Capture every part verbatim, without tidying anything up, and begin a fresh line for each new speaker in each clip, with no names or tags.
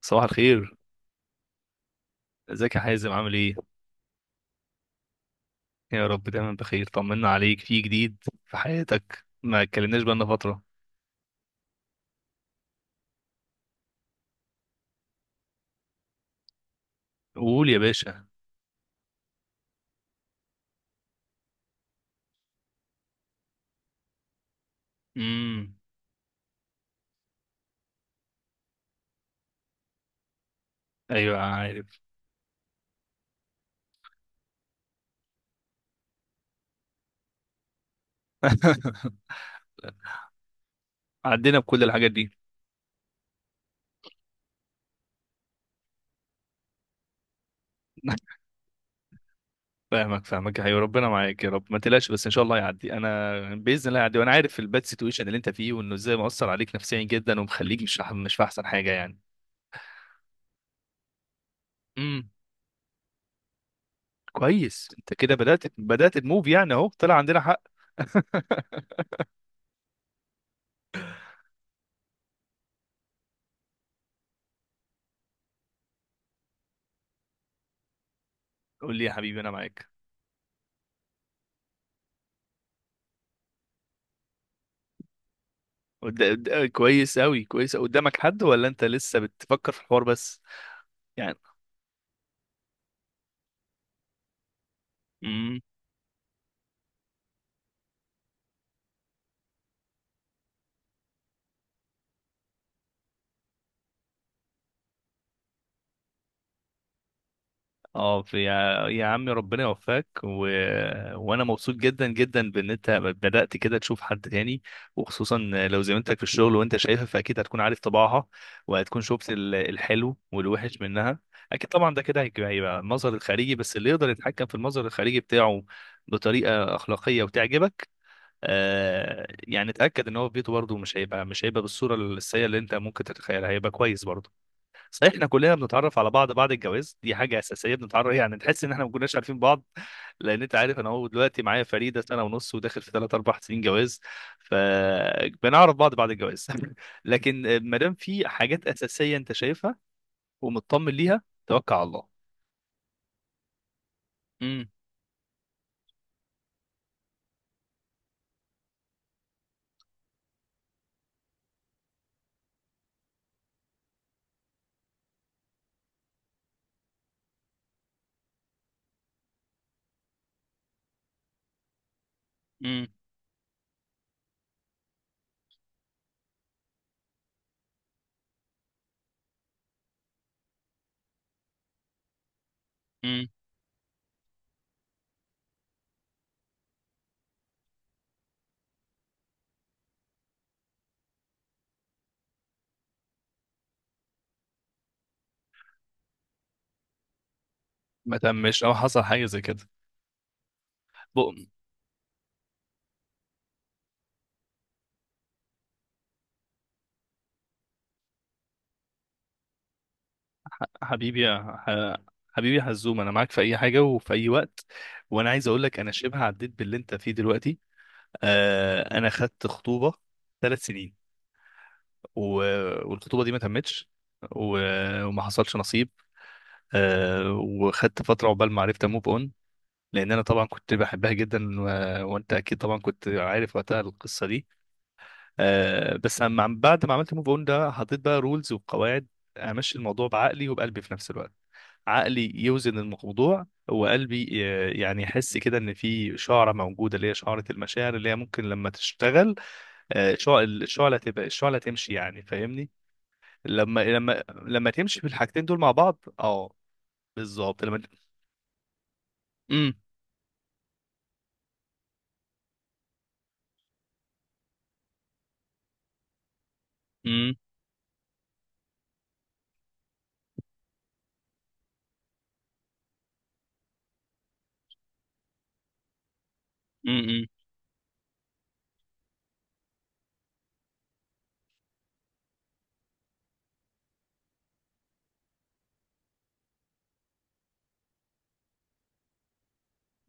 صباح الخير. ازيك يا حازم؟ عامل ايه؟ يا رب دايما بخير. طمنا عليك في جديد في حياتك، ما اتكلمناش بقالنا فتره. قول يا باشا. امم. ايوه عارف. عدينا بكل الحاجات دي. فاهمك فاهمك يا حبيبي، ربنا معاك يا رب. ما تقلقش، بس ان شاء الله يعدي. انا باذن الله يعدي، وانا عارف الباد سيتويشن اللي انت فيه وانه ازاي مؤثر عليك نفسيا جدا ومخليك مش مش في احسن حاجه يعني. امم. كويس، انت كده بدات بدات تموف يعني، اهو طلع عندنا حق. قول لي يا حبيبي، انا معاك. قد- قد- كويس أوي كويس أوي. قدامك حد ولا أنت لسه بتفكر في الحوار بس؟ يعني امم. اه في يا يا عمي، ربنا يوفقك و... وانا مبسوط جدا جدا بان انت بدأت كده تشوف حد تاني. وخصوصا لو زميلتك في الشغل وانت شايفها، فاكيد هتكون عارف طباعها. وهتكون شفت ال- الحلو والوحش منها. اكيد طبعا ده كده هيك- هيبقى المظهر الخارجي بس، اللي يقدر يتحكم في المظهر الخارجي بتاعه بطريقة أخلاقية وتعجبك. آه يعني اتاكد ان هو في بيته برضه مش هيبقى مش هيبقى بالصوره السيئه اللي انت ممكن تتخيلها، هيبقى كويس برضه. صحيح، احنا كلنا بنتعرف على بعض بعد الجواز، دي حاجه اساسيه. بنتعرف يعني، تحس ان احنا ما كناش عارفين بعض. لان انت عارف، انا هو دلوقتي معايا فريده سنه ونص وداخل في ثلاث اربع سنين جواز، فبنعرف بعض بعد الجواز. لكن ما دام في حاجات اساسيه انت شايفها ومطمن ليها، توكل على الله. امم. امم. امم. ما تمش او حصل حاجه زي كده. حبيبي يا ح- حبيبي يا حزوم، انا معاك في اي حاجه وفي اي وقت. وانا عايز اقول لك، انا شبه عديت باللي انت فيه دلوقتي. آه، انا خدت خطوبه ثلاث سنين و... والخطوبه دي ما تمتش، و... وما حصلش نصيب. آه، وخدت فتره عقبال ما عرفت اموف اون، لان انا طبعا كنت بحبها جدا و... وانت اكيد طبعا كنت عارف وقتها القصه دي. آه، بس اما عم- بعد ما عملت موف اون ده حطيت بقى رولز وقواعد. امشي الموضوع بعقلي وبقلبي في نفس الوقت. عقلي يوزن الموضوع، وقلبي آه، يعني يحس كده ان في شعره موجوده، اللي هي شعره المشاعر، اللي هي ممكن لما تشتغل آه، شع- الشعله تبقى الشعله تمشي يعني، فاهمني. لما لما لما تمشي في الحاجتين دول مع بعض اه. بالظبط لما امم. امم. امم.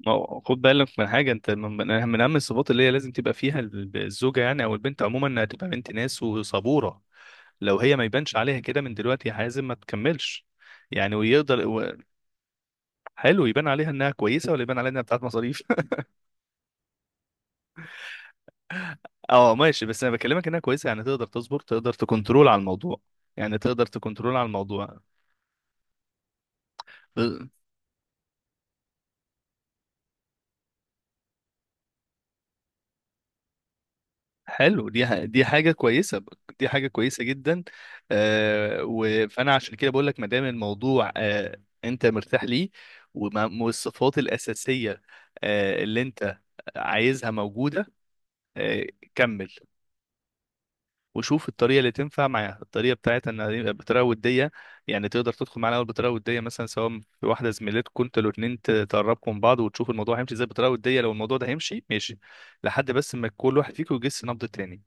ما هو خد بالك من حاجه، انت من من من اهم الصفات اللي هي لازم تبقى فيها الب- الزوجه يعني، او البنت عموما، انها تبقى بنت ناس وصبوره. لو هي ما يبانش عليها كده من دلوقتي، لازم ما تكملش. يعني ويقدر و- حلو، يبان عليها انها كويسه ولا يبان عليها انها بتاعت مصاريف؟ اه ماشي، بس انا بكلمك انها كويسه يعني، تقدر تصبر، تقدر تكنترول على الموضوع. يعني تقدر تكنترول على الموضوع. حلو، دي ح- دي حاجة كويسة. دي حاجة كويسة جدا. آه و- فأنا عشان كده بقول لك، ما دام الموضوع آه أنت مرتاح ليه، وما- والصفات الأساسية آه اللي أنت عايزها موجودة، آه كمل. وشوف الطريقة اللي تنفع معاها، الطريقة بتاعتها إنها يبقى بطريقة ودية. يعني تقدر تدخل معانا الأول بطريقة ودية، مثلا سواء في واحدة زميلتكم أنتوا الاتنين ت- تقربكم من بعض، وتشوف الموضوع هيمشي إزاي بطريقة ودية. لو الموضوع ده هيمشي، ماشي، لحد بس ما كل واحد فيكم يجس نبض التاني.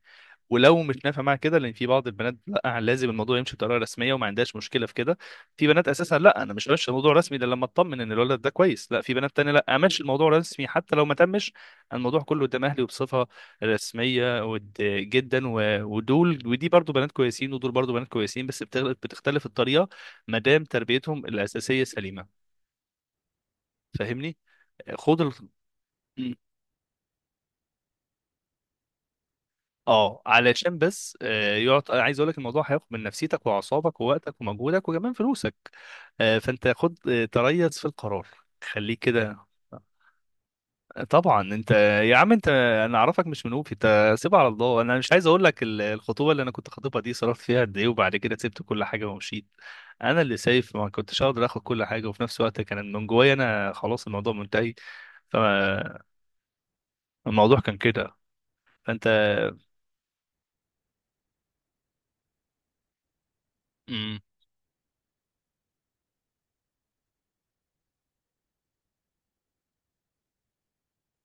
ولو مش نافع معاها كده، لان في بعض البنات لا، لازم الموضوع يمشي بطريقه رسميه وما عندهاش مشكله في كده. في بنات اساسا لا، انا مش همشي الموضوع رسمي الا لما اطمن ان الولد ده كويس. لا، في بنات تانية لا، امشي الموضوع رسمي حتى لو ما تمش الموضوع كله قدام اهلي وبصفه رسميه ود- جدا و- ودول ودي برضو بنات كويسين، ودول برضو بنات كويسين، بس بتغ- بتختلف الطريقه. ما دام تربيتهم الاساسيه سليمه، فاهمني. خد ال... اه، علشان بس آه، يقعد. أنا عايز اقول لك الموضوع هياخد من نفسيتك واعصابك ووقتك ومجهودك وكمان فلوسك. آه، فانت خد آه، تريث في القرار. خليك كده. طبعا انت، يا عم انت، انا اعرفك مش منوفي. انت سيبها على الله. انا مش عايز اقول لك ال- الخطوبه اللي انا كنت خاطبها دي صرفت فيها قد ايه، وبعد كده سبت كل حاجه ومشيت. انا اللي سايف ما كنتش اقدر اخد كل حاجه، وفي نفس الوقت كان من جوايا انا خلاص الموضوع منتهي. فالموضوع كان كده. فانت مم،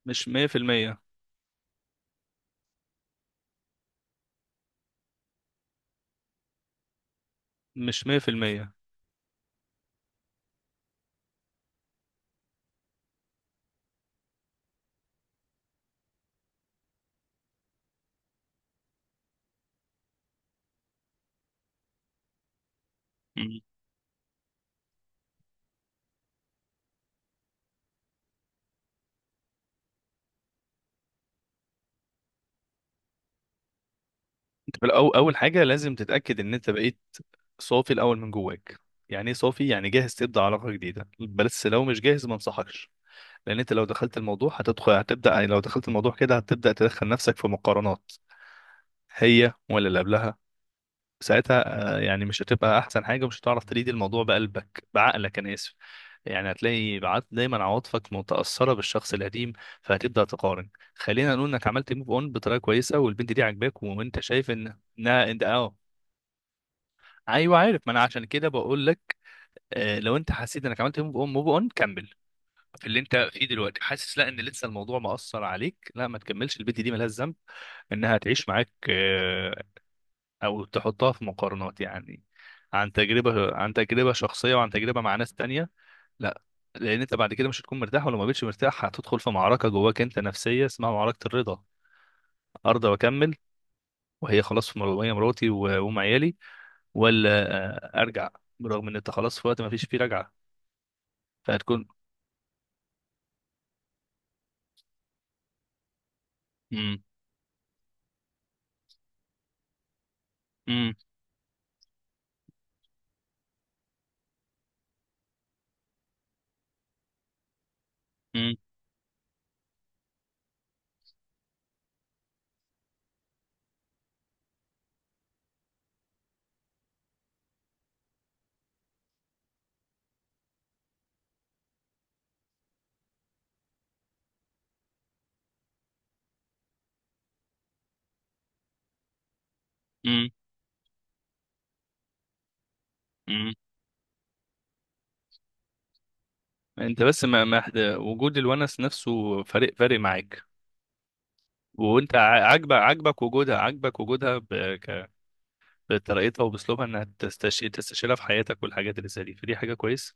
مش مية في المية مش مية في المية. مم. انت في الأول، اول حاجه لازم تتاكد ان انت بقيت صافي الاول من جواك. يعني ايه صافي؟ يعني جاهز تبدا علاقه جديده. بس لو مش جاهز، ما انصحكش. لان انت لو دخلت الموضوع هتدخل هتبدا، لو دخلت الموضوع كده هتبدا تدخل نفسك في مقارنات، هي ولا اللي قبلها. ساعتها آه، يعني مش هتبقى احسن حاجه، ومش هتعرف تريد الموضوع بقلبك بعقلك، انا اسف. يعني هتلاقي عاد- دايما عواطفك متاثره بالشخص القديم، فهتبدا تقارن. خلينا نقول انك عملت موف اون بطريقه كويسه والبنت دي عاجباك وانت شايف ان انها انت اه. ايوه عارف، ما انا عشان كده بقول لك. آه، لو انت حسيت انك عملت موف اون موف اون كمل في اللي انت فيه دلوقتي. حاسس لا ان لسه الموضوع مأثر عليك، لا ما تكملش. البنت دي ملهاش ذنب انها تعيش معاك آه، او تحطها في مقارنات يعني، عن تجربه عن تجربه شخصيه، وعن تجربه مع ناس تانية. لا، لان انت بعد كده مش هتكون مرتاح. ولو ما بقتش مرتاح هتدخل في معركه جواك انت نفسيه، اسمها معركه الرضا. ارضى واكمل، وهي خلاص في مر- وهي مراتي و- وام عيالي، ولا آه، ارجع، برغم ان انت خلاص في وقت ما فيش فيه رجعه. فهتكون. مم، مم، مم، مم، مم. انت بس ما ما وجود الونس نفسه فارق فارق معاك. وانت ع- عاجبك عاجبك وجودها، عاجبك وجودها بطريقتها وباسلوبها، انها تستش... تستشيرها في حياتك والحاجات اللي زي دي، فدي حاجه كويسه.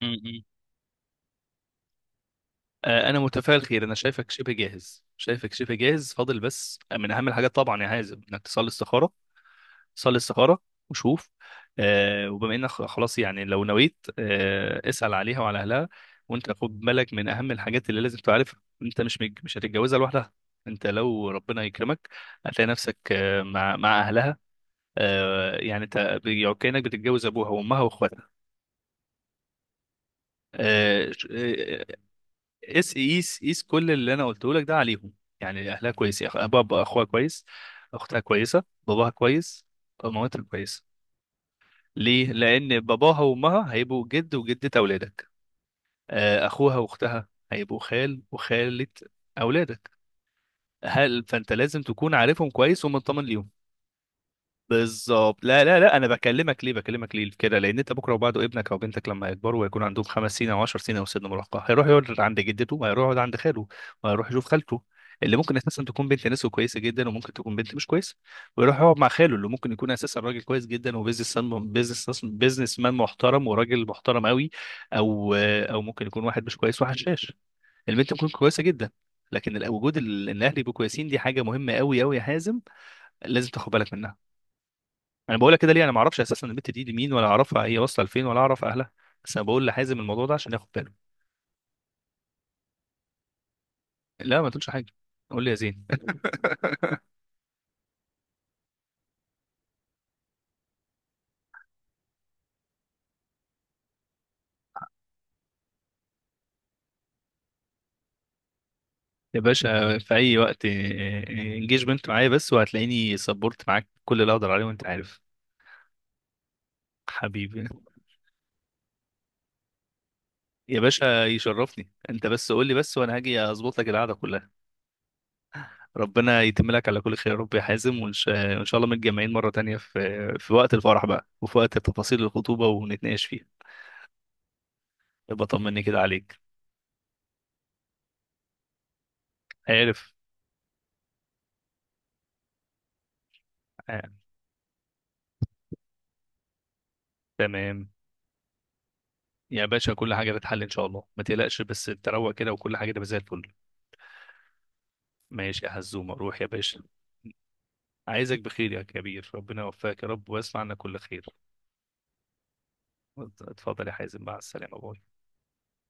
م- م. آه، انا متفائل خير. انا شايفك شبه جاهز، شايفك شبه جاهز، فاضل بس من اهم الحاجات طبعا يا حازم انك تصلي استخاره. صلي استخاره وشوف. آه، وبما انك خلاص يعني لو نويت، آه، اسال عليها وعلى اهلها. وانت خد بالك، من اهم الحاجات اللي لازم تعرفها، انت مش مج- مش هتتجوزها لوحدها. انت لو ربنا يكرمك هتلاقي نفسك آه، مع مع اهلها. آه، يعني انت بي- كانك بتتجوز ابوها وامها واخواتها. آه، ش- آه، قيس قيس قيس كل اللي انا قلته لك ده عليهم. يعني اهلها كويس، أخ- بابا اخوها كويس، اختها كويسه، باباها كويس، مامتها كويسه. ليه؟ لان باباها وامها هيبقوا جد وجده اولادك. آه، اخوها واختها هيبقوا خال وخاله اولادك. هل فانت لازم تكون عارفهم كويس ومطمن ليهم. بالظبط. لا لا لا، انا بكلمك ليه، بكلمك ليه كده، لان انت بكره وبعده ابنك او بنتك لما يكبروا ويكون عندهم خمس سنين او 10 سنين او سن مراهقه، هيروح يقعد عند جدته، وهيروح يقعد عند خاله، وهيروح يشوف خالته اللي ممكن اساسا تكون بنت ناس كويسه جدا، وممكن تكون بنت مش كويسه. ويروح يقعد مع خاله اللي ممكن يكون اساسا راجل كويس جدا، وبيزنس بيزنس بيزنس مان محترم وراجل محترم قوي. او او ممكن يكون واحد مش كويس، واحد شاش. البنت ممكن كويسه جدا، لكن ال- وجود ال- ان الاهل يبقوا كويسين دي حاجه مهمه قوي قوي يا حازم. لازم تاخد بالك. انا بقولها كده ليه؟ انا ما اعرفش اساسا البت دي دي مين، ولا اعرفها هي واصله لفين، ولا اعرف اهلها، بس انا بقول لحازم الموضوع ده عشان ياخد باله. لا ما تقولش حاجه. قول لي يا زين. يا باشا، في اي وقت انجيجمنت معايا بس، وهتلاقيني سبورت معاك كل اللي اقدر عليه وانت عارف. حبيبي. يا باشا يشرفني، انت بس قول لي بس وانا هاجي اظبط لك القعده كلها. ربنا يتم لك على كل خير يا رب يا حازم، وان شاء وإن شاء الله متجمعين مره تانية في في وقت الفرح بقى، وفي وقت تفاصيل الخطوبه ونتناقش فيها. يبقى طمني كده عليك. عارف. آه. تمام. يا باشا كل حاجة بتحل إن شاء الله، ما تقلقش، بس أنت روق كده وكل حاجة تبقى زي الفل. ماشي يا حزومة، روح يا باشا. عايزك بخير يا كبير، ربنا يوفقك يا رب ويصنع عنا كل خير. اتفضل يا حازم، مع السلامة، باي.